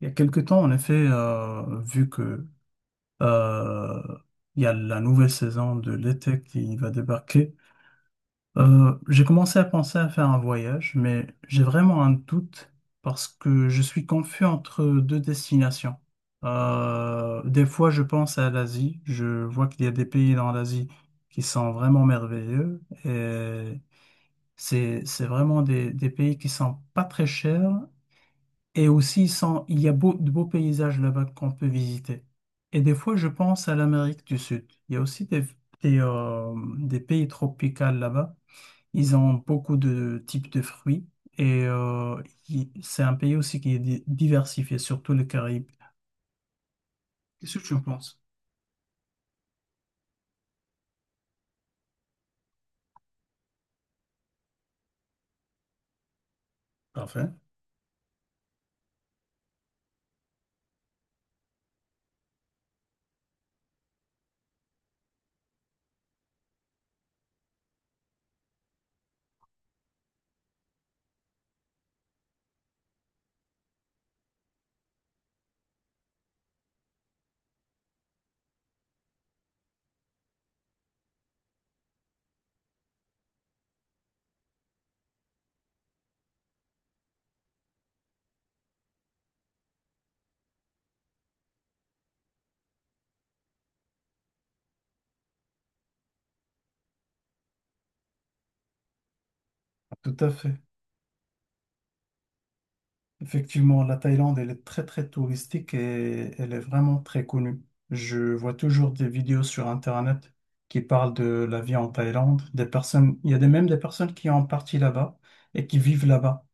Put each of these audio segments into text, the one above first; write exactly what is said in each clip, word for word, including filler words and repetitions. Il y a quelque temps, en effet, euh, vu que euh, il y a la nouvelle saison de l'été qui va débarquer, euh, j'ai commencé à penser à faire un voyage, mais j'ai vraiment un doute parce que je suis confus entre deux destinations. Euh, des fois, je pense à l'Asie, je vois qu'il y a des pays dans l'Asie qui sont vraiment merveilleux et c'est c'est vraiment des, des pays qui sont pas très chers et aussi, sans, il y a beau- de beaux paysages là-bas qu'on peut visiter. Et des fois, je pense à l'Amérique du Sud. Il y a aussi des, des, euh, des pays tropicaux là-bas. Ils ont beaucoup de types de fruits. Et euh, il- c'est un pays aussi qui est di- diversifié, surtout les Caraïbes. Qu'est-ce que tu en penses? Parfait. Tout à fait. Effectivement, la Thaïlande, elle est très très touristique et elle est vraiment très connue. Je vois toujours des vidéos sur Internet qui parlent de la vie en Thaïlande. Des personnes, il y a des- même des personnes qui ont parti là-bas et qui vivent là-bas.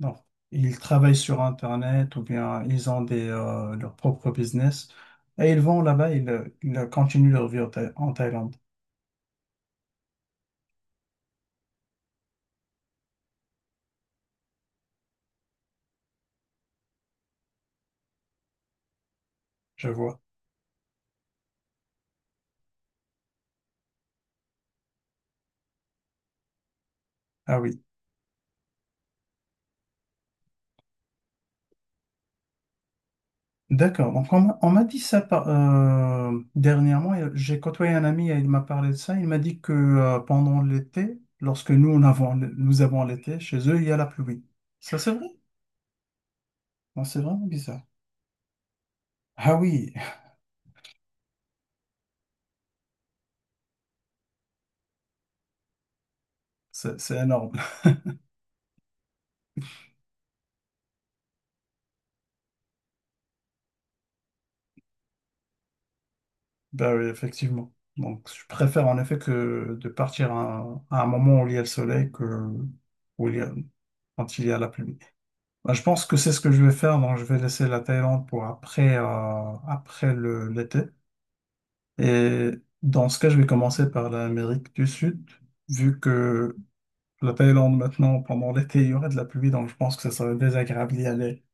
Donc, ils travaillent sur Internet ou bien ils ont des, euh, leur propre business et ils vont là-bas, ils, euh, ils continuent leur vie en Thaï- en Thaïlande. Je vois. Ah oui. D'accord. Donc, on m'a on m'a dit ça par- euh, dernièrement. Et j'ai côtoyé un ami et il m'a parlé de ça. Il m'a dit que euh, pendant l'été, lorsque nous, on avons, nous avons l'été, chez eux, il y a la pluie. Ça, c'est vrai? Non, c'est vraiment bizarre. Ah oui, c'est c'est énorme. Ben oui, effectivement. Donc, je préfère en effet que de partir à, un, à un moment où il y a le soleil que où il y a- quand il y a la pluie. Ben, je pense que c'est ce que je vais faire. Donc, je vais laisser la Thaïlande pour après, euh, après le- l'été. Et dans ce cas, je vais commencer par l'Amérique du Sud, vu que la Thaïlande maintenant, pendant l'été, il y aura de la pluie, donc je pense que ça serait désagréable d'y aller.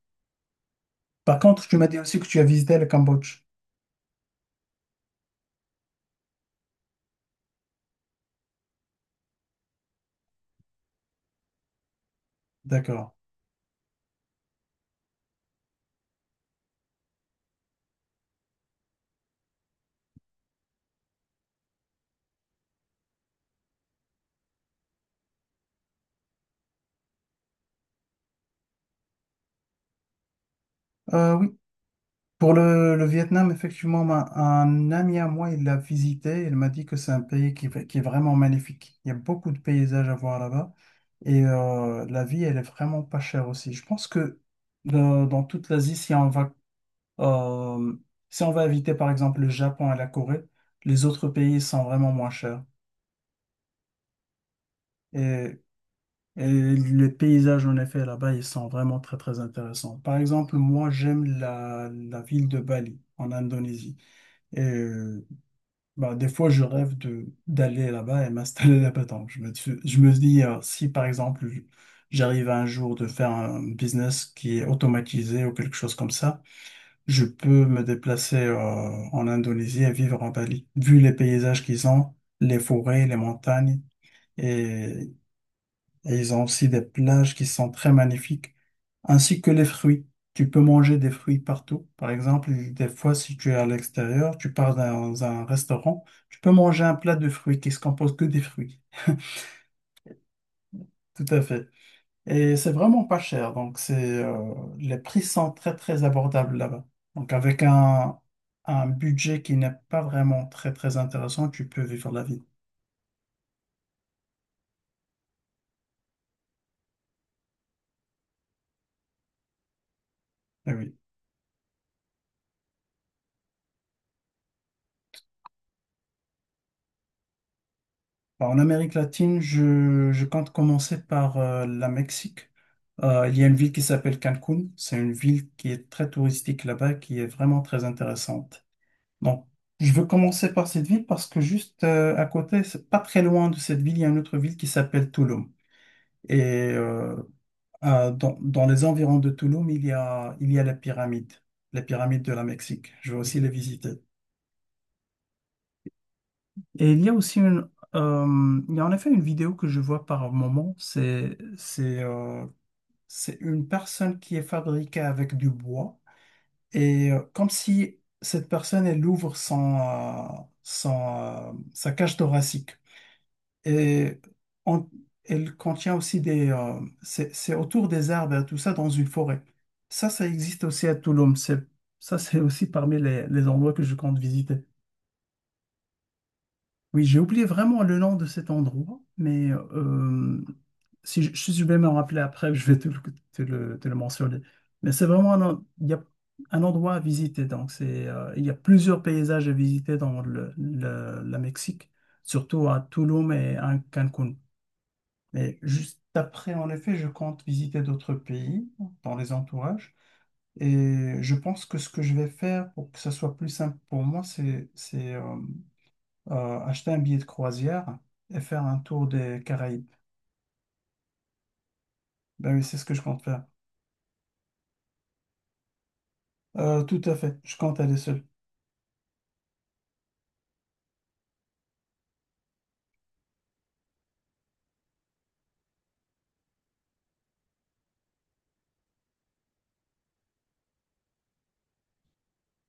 Par contre, tu m'as dit aussi que tu as visité le Cambodge. D'accord. Euh, oui. Pour le, le Vietnam, effectivement, ma- un ami à moi, il l'a visité. Il m'a dit que c'est un pays qui, va- qui est vraiment magnifique. Il y a beaucoup de paysages à voir là-bas. Et euh, la vie, elle est vraiment pas chère aussi. Je pense que dans, dans toute l'Asie, si on va Euh, si on va inviter par exemple le Japon et la Corée, les autres pays sont vraiment moins chers. Et, et les paysages en effet là-bas, ils sont vraiment très très intéressants. Par exemple, moi j'aime la, la ville de Bali en Indonésie. Et euh, bah, des fois je rêve de d'aller là-bas et m'installer là-bas. Donc, Je me, dis- je me dis, euh, si par exemple j'arrive un jour de faire un business qui est automatisé ou quelque chose comme ça, je peux me déplacer euh, en Indonésie et vivre en Bali. Vu les paysages qu'ils ont, les forêts, les montagnes, et, et ils ont aussi des plages qui sont très magnifiques, ainsi que les fruits. Tu peux manger des fruits partout. Par exemple, des fois, si tu es à l'extérieur, tu pars dans un restaurant, tu peux manger un plat de fruits qui se compose que des fruits. Tout à fait. Et c'est vraiment pas cher. Donc, c'est, euh, les prix sont très, très abordables là-bas. Donc, avec un, un budget qui n'est pas vraiment très, très intéressant, tu peux vivre la vie. Eh oui. Bah, en Amérique latine, je, je compte commencer par euh, la Mexique. Euh, il y a une ville qui s'appelle Cancun. C'est une ville qui est très touristique là-bas, qui est vraiment très intéressante. Donc, je veux commencer par cette ville parce que juste euh, à côté, c'est pas très loin de cette ville, il y a une autre ville qui s'appelle Tulum. Et euh, Euh, dans, dans les environs de Tulum, il y a, il y a les pyramides, les pyramides de la Mexique. Je vais aussi les visiter. Et il y a aussi une, euh, il y a en effet une vidéo que je vois par moment. C'est, c'est, euh, c'est une personne qui est fabriquée avec du bois et euh, comme si cette personne elle ouvre son, euh, son, euh, sa cage thoracique. Et on- Elle contient aussi des... euh, c'est c'est autour des arbres et tout ça dans une forêt. Ça, ça existe aussi à Tulum. C'est- Ça, c'est aussi parmi les, les endroits que je compte visiter. Oui, j'ai oublié vraiment le nom de cet endroit, mais euh, si je, si je vais me rappeler après, je vais te le, te le- te le mentionner. Mais c'est vraiment un, en- il y a un endroit à visiter. Donc, c'est, euh, il y a plusieurs paysages à visiter dans le, le- la Mexique, surtout à Tulum et à Cancun. Mais juste après, en effet, je compte visiter d'autres pays dans les entourages. Et je pense que ce que je vais faire pour que ça soit plus simple pour moi, c'est c'est, euh, euh, acheter un billet de croisière et faire un tour des Caraïbes. Ben oui, c'est ce que je compte faire. Euh, tout à fait, je compte aller seul.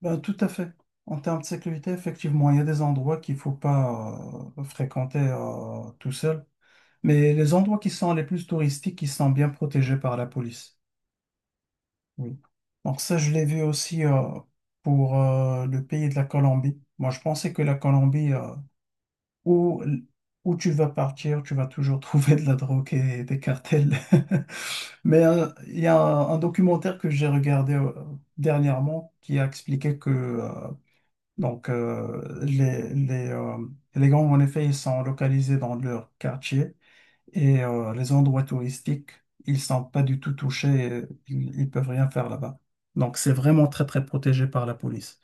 Ben, tout à fait. En termes de sécurité, effectivement, il y a des endroits qu'il ne faut pas euh, fréquenter euh, tout seul. Mais les endroits qui sont les plus touristiques, ils sont bien protégés par la police. Oui. Donc ça, je l'ai vu aussi euh, pour euh, le pays de la Colombie. Moi, je pensais que la Colombie, euh, où, où tu vas partir, tu vas toujours trouver de la drogue et des cartels. Mais euh, il y a un, un documentaire que j'ai regardé euh, dernièrement qui a expliqué que euh, donc, euh, les, les, euh, les gangs, en effet, ils sont localisés dans leur quartier. Et euh, les endroits touristiques, ils sont pas du tout touchés, euh, ils, ils peuvent rien faire là-bas. Donc c'est vraiment très très protégé par la police.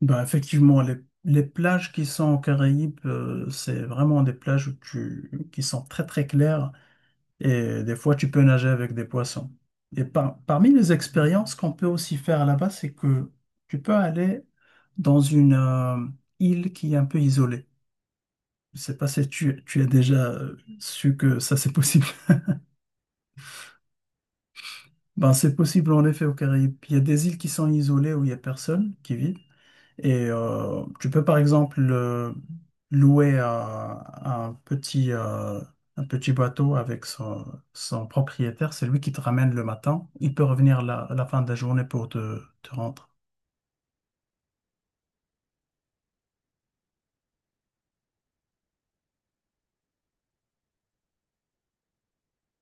Ben effectivement, les, les plages qui sont aux Caraïbes, euh, c'est vraiment des plages où tu- qui sont très très claires et des fois tu peux nager avec des poissons. Et par- parmi les expériences qu'on peut aussi faire là-bas, c'est que tu peux aller dans une euh, île qui est un peu isolée. Je sais pas si tu, tu as déjà euh, su que ça c'est possible. Ben, c'est possible en effet aux Caraïbes. Il y a des îles qui sont isolées où il n'y a personne qui vit. Et euh, tu peux par exemple euh, louer à un petit, euh, un petit bateau avec son, son propriétaire. C'est lui qui te ramène le matin. Il peut revenir la, à la fin de la journée pour te, te rendre.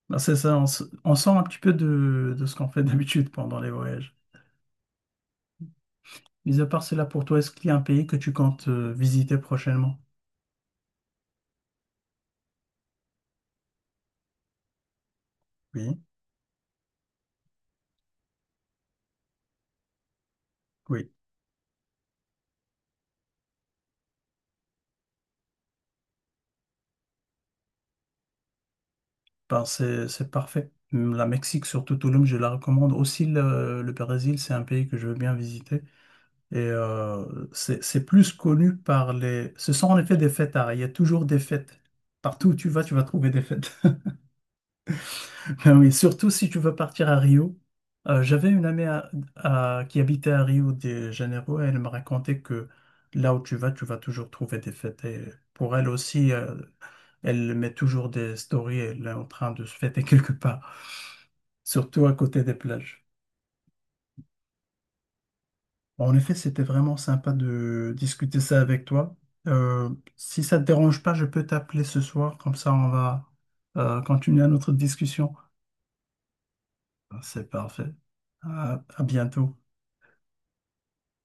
Ben, c'est ça, on, s- on sort un petit peu de, de ce qu'on fait d'habitude pendant les voyages. Mis à part cela, pour toi, est-ce qu'il y a un pays que tu comptes euh, visiter prochainement? Oui, oui. Ben, c'est, c'est parfait. La Mexique, surtout Tulum, je la recommande. Aussi, le, le Brésil, c'est un pays que je veux bien visiter. Et euh, c'est, c'est plus connu par les... Ce sont en effet des fêtes, il y a toujours des fêtes. Partout où tu vas, tu vas trouver des fêtes. Ben oui, surtout si tu veux partir à Rio. Euh, j'avais une amie à- à- qui habitait à Rio de Janeiro et elle me racontait que là où tu vas, tu vas toujours trouver des fêtes. Et pour elle aussi, euh, elle met toujours des stories, elle est en train de se fêter quelque part surtout à côté des plages. Bon, en effet, c'était vraiment sympa de discuter ça avec toi. Euh, si ça te dérange pas, je peux t'appeler ce soir, comme ça on va euh, continuer notre discussion. C'est parfait. À à bientôt.